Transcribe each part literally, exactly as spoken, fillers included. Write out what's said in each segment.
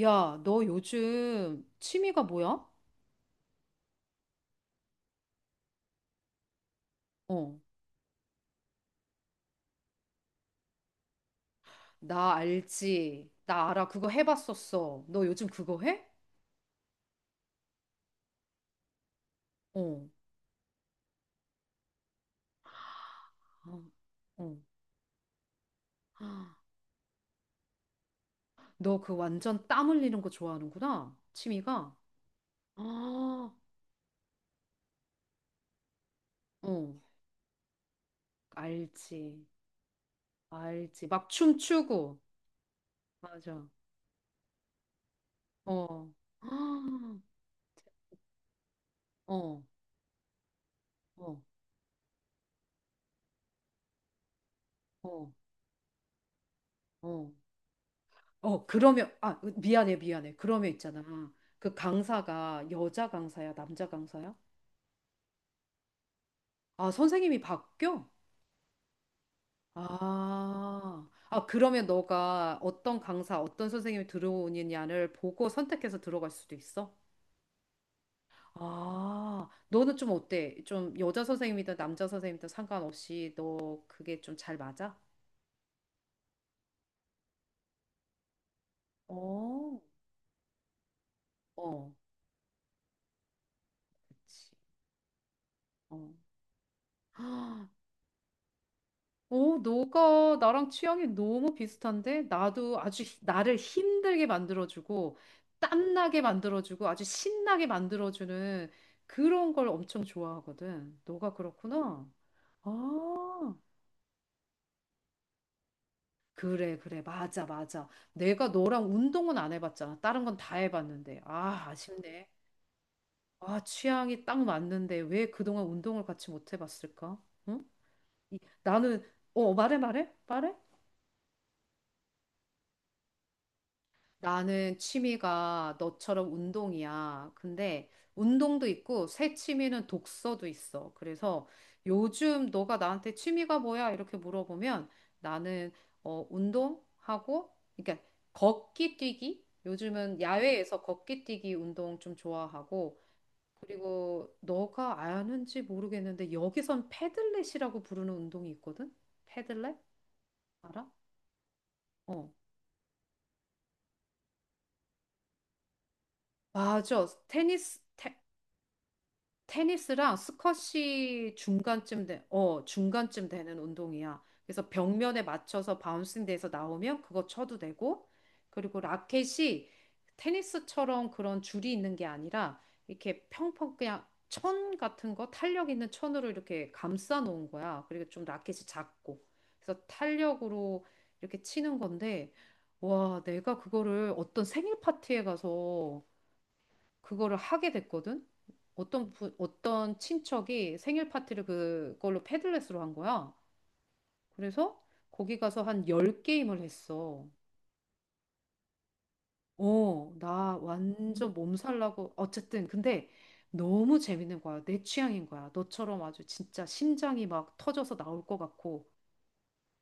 야, 너 요즘 취미가 뭐야? 어. 나 알지. 나 알아. 그거 해봤었어. 너 요즘 그거 해? 어. 아, 어. 너 그 완전 땀 흘리는 거 좋아하는구나. 취미가. 아, 어. 알지. 알지. 막 춤추고. 맞아. 어. 아, 어. 어. 어. 어. 어. 그러면, 아, 미안해, 미안해. 그러면 있잖아. 그 강사가 여자 강사야, 남자 강사야? 아, 선생님이 바뀌어? 아, 아, 그러면 너가 어떤 강사, 어떤 선생님이 들어오느냐를 보고 선택해서 들어갈 수도 있어? 아, 너는 좀 어때? 좀 여자 선생님이든 남자 선생님이든 상관없이 너 그게 좀 잘 맞아? 어, 어, 그치. 어. 오, 너가 나랑 취향이 너무 비슷한데? 나도 아주 히- 나를 힘들게 만들어주고, 땀나게 만들어주고, 아주 신나게 만들어주는 그런 걸 엄청 좋아하거든. 너가 그렇구나. 아, 그래, 그래. 맞아, 맞아. 내가 너랑 운동은 안 해봤잖아. 다른 건 다 해봤는데. 아, 아쉽네. 아, 취향이 딱 맞는데 왜 그동안 운동을 같이 못 해봤을까? 응? 이- 나는, 어, 말해, 말해, 말해? 나는 취미가 너처럼 운동이야. 근데 운동도 있고 새 취미는 독서도 있어. 그래서 요즘 너가 나한테 취미가 뭐야? 이렇게 물어보면 나는 어, 운동하고 그러니까 걷기 뛰기? 요즘은 야외에서 걷기 뛰기 운동 좀 좋아하고 그리고 너가 아는지 모르겠는데 여기선 패들렛이라고 부르는 운동이 있거든? 패들렛? 알아? 어. 맞아. 테니스 테니스랑 스쿼시 중간쯤 돼, 어, 중간쯤 되는 운동이야. 그래서 벽면에 맞춰서 바운싱 돼서 나오면 그거 쳐도 되고, 그리고 라켓이 테니스처럼 그런 줄이 있는 게 아니라 이렇게 평평 그냥 천 같은 거 탄력 있는 천으로 이렇게 감싸 놓은 거야. 그리고 좀 라켓이 작고. 그래서 탄력으로 이렇게 치는 건데, 와, 내가 그거를 어떤 생일 파티에 가서 그거를 하게 됐거든. 어떤 부, 어떤 친척이 생일 파티를 그걸로 패들렛으로 한 거야. 그래서 거기 가서 한 열 게임을 했어. 어, 나 완전 몸살 나고 어쨌든 근데 너무 재밌는 거야. 내 취향인 거야. 너처럼 아주 진짜 심장이 막 터져서 나올 것 같고.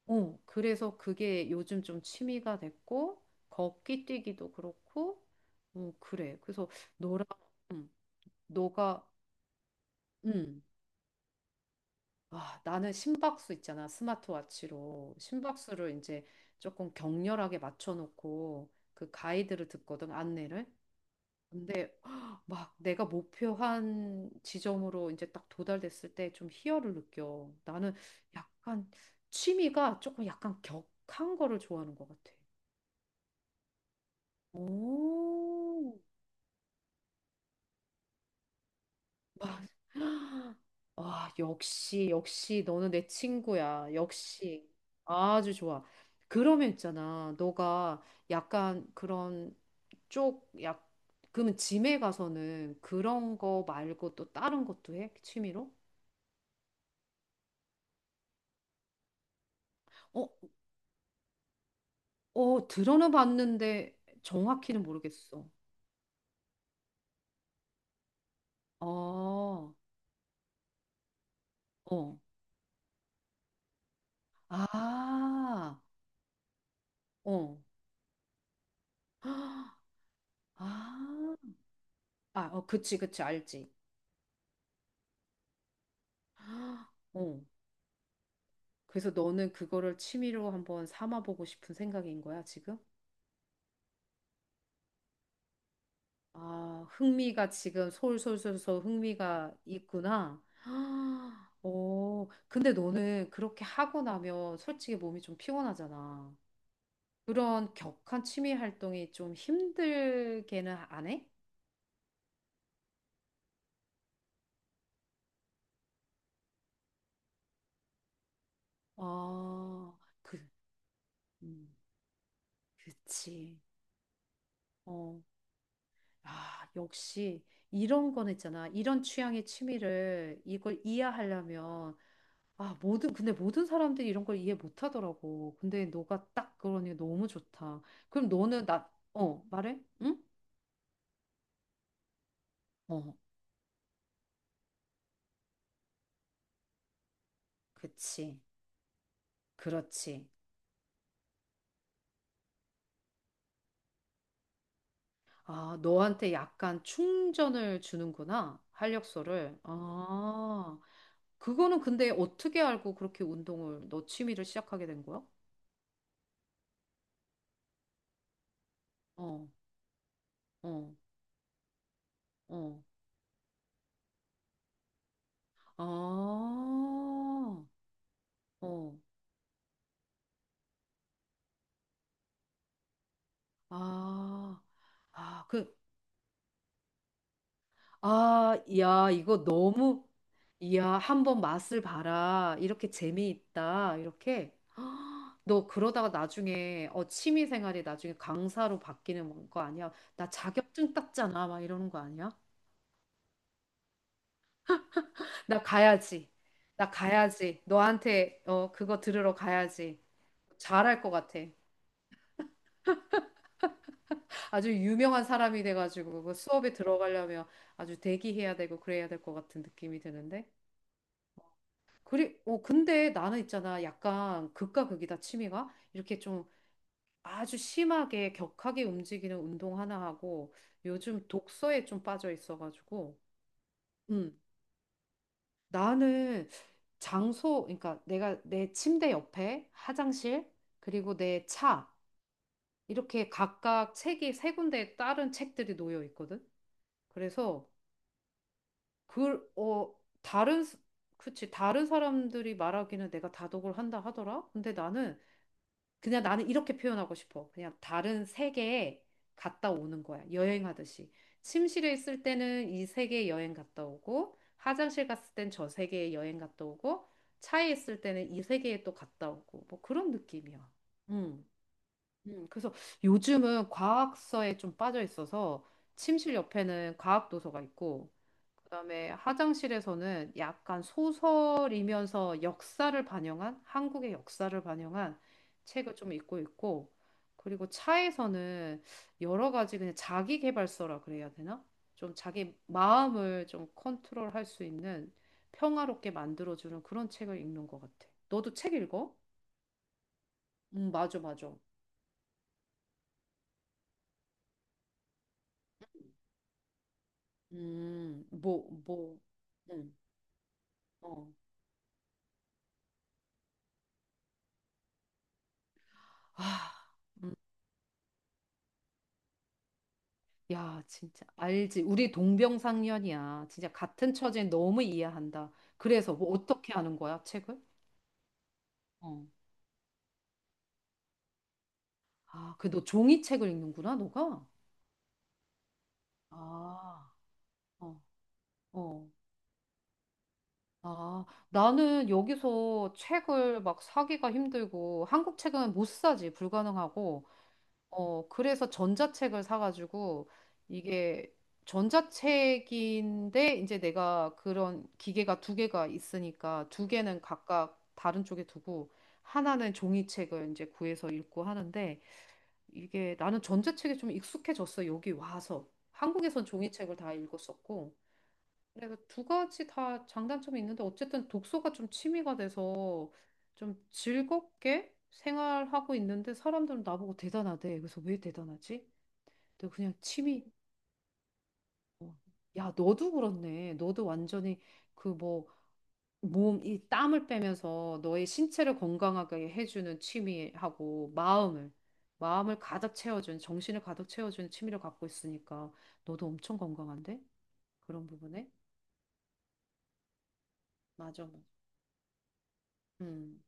어, 그래서 그게 요즘 좀 취미가 됐고 걷기 뛰기도 그렇고. 어, 그래. 그래서 너랑 응, 너가 응. 아, 나는 심박수 있잖아. 스마트워치로 심박수를 이제 조금 격렬하게 맞춰놓고 그 가이드를 듣거든, 안내를. 근데 막 내가 목표한 지점으로 이제 딱 도달됐을 때 좀 희열을 느껴. 나는 약간 취미가 조금 약간 격한 거를 좋아하는 것 같아. 오. 와, 와, 역시, 역시, 너는 내 친구야. 역시. 아주 좋아. 그러면 있잖아. 너가 약간 그런 쪽, 약, 그러면 짐에 가서는 그런 거 말고 또 다른 것도 해? 취미로? 어, 어, 들어는 봤는데 정확히는 모르겠어. 어, 어. 아, 어. 아, 아, 어, 그치, 그치, 알지. 어. 그래서 너는 그거를 취미로 한번 삼아보고 싶은 생각인 거야, 지금? 아, 흥미가 지금 솔솔솔솔 흥미가 있구나. 아, 오, 근데 너는 그렇게 하고 나면 솔직히 몸이 좀 피곤하잖아. 그런 격한 취미 활동이 좀 힘들게는 안 해? 아, 그, 음, 그치. 어, 아, 역시 이런 건 있잖아. 이런 취향의 취미를 이걸 이해하려면 아, 모든, 근데 모든 사람들이 이런 걸 이해 못 하더라고. 근데 너가 딱 그러니 너무 좋다. 그럼 너는 나, 어, 말해? 응? 어, 그치. 그렇지. 아, 너한테 약간 충전을 주는구나. 활력소를. 아, 그거는 근데 어떻게 알고 그렇게 운동을, 너 취미를 시작하게 된 거야? 어, 어, 어. 아, 어, 아, 아, 그, 아, 야, 이거 너무, 이야, 한번 맛을 봐라. 이렇게 재미있다. 이렇게. 헉, 너 그러다가 나중에 어, 취미 생활이 나중에 강사로 바뀌는 거 아니야? 나 자격증 땄잖아. 막 이러는 거 아니야? 나 가야지. 나 가야지. 너한테 어, 그거 들으러 가야지. 잘할 것 같아. 아주 유명한 사람이 돼가지고 그 수업에 들어가려면 아주 대기해야 되고 그래야 될 것 같은 느낌이 드는데. 그리, 어, 근데 나는 있잖아. 약간 극과 극이다, 취미가. 이렇게 좀 아주 심하게 격하게 움직이는 운동 하나 하고 요즘 독서에 좀 빠져 있어가지고 음, 나는 장소 그러니까 내가 내 침대 옆에 화장실 그리고 내 차 이렇게 각각 책이 세 군데에 다른 책들이 놓여 있거든. 그래서 그 어 다른 스- 그치 다른 사람들이 말하기는 내가 다독을 한다 하더라. 근데 나는 그냥 나는 이렇게 표현하고 싶어. 그냥 다른 세계에 갔다 오는 거야. 여행하듯이. 침실에 있을 때는 이 세계에 여행 갔다 오고, 화장실 갔을 땐 저 세계에 여행 갔다 오고, 차에 있을 때는 이 세계에 또 갔다 오고, 뭐 그런 느낌이야. 음, 음. 그래서 요즘은 과학서에 좀 빠져 있어서 침실 옆에는 과학 도서가 있고, 그다음에 화장실에서는 약간 소설이면서 역사를 반영한 한국의 역사를 반영한 책을 좀 읽고 있고 그리고 차에서는 여러 가지 그냥 자기 개발서라 그래야 되나? 좀 자기 마음을 좀 컨트롤할 수 있는 평화롭게 만들어주는 그런 책을 읽는 것 같아. 너도 책 읽어? 음, 맞아, 맞아. 음, 뭐, 뭐, 음, 어. 아, 야, 진짜 알지. 우리 동병상련이야. 진짜 같은 처지에 너무 이해한다. 그래서 뭐 어떻게 하는 거야, 책을? 어. 아, 그 너 종이책을 읽는구나, 너가? 아, 어, 어. 아, 나는 여기서 책을 막 사기가 힘들고 한국 책은 못 사지, 불가능하고 어, 그래서 전자책을 사가지고 이게 전자책인데 이제 내가 그런 기계가 두 개가 있으니까 두 개는 각각 다른 쪽에 두고 하나는 종이책을 이제 구해서 읽고 하는데 이게 나는 전자책에 좀 익숙해졌어. 여기 와서. 한국에선 종이책을 다 읽었었고 내가 두 가지 다 장단점이 있는데 어쨌든 독서가 좀 취미가 돼서 좀 즐겁게 생활하고 있는데 사람들은 나보고 대단하대. 그래서 왜 대단하지? 내가 그냥 취미. 야, 너도 그렇네. 너도 완전히 그 뭐 몸, 이 땀을 빼면서 너의 신체를 건강하게 해주는 취미하고 마음을 마음을 가득 채워주는 정신을 가득 채워주는 취미를 갖고 있으니까 너도 엄청 건강한데? 그런 부분에? 맞아. 맞아. 음.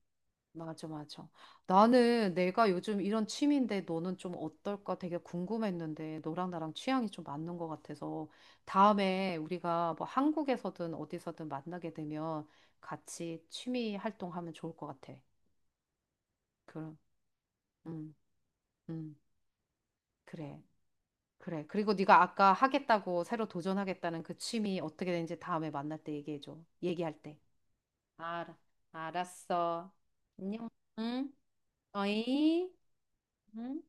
맞아, 맞아. 나는 내가 요즘 이런 취미인데 너는 좀 어떨까 되게 궁금했는데 너랑 나랑 취향이 좀 맞는 것 같아서 다음에 우리가 뭐 한국에서든 어디서든 만나게 되면 같이 취미 활동하면 좋을 것 같아. 그럼, 음, 음, 그래, 그래. 그리고 네가 아까 하겠다고 새로 도전하겠다는 그 취미 어떻게 되는지 다음에 만날 때 얘기해줘. 얘기할 때. 알아, 알았어. 안녕. 응? 어이? 응?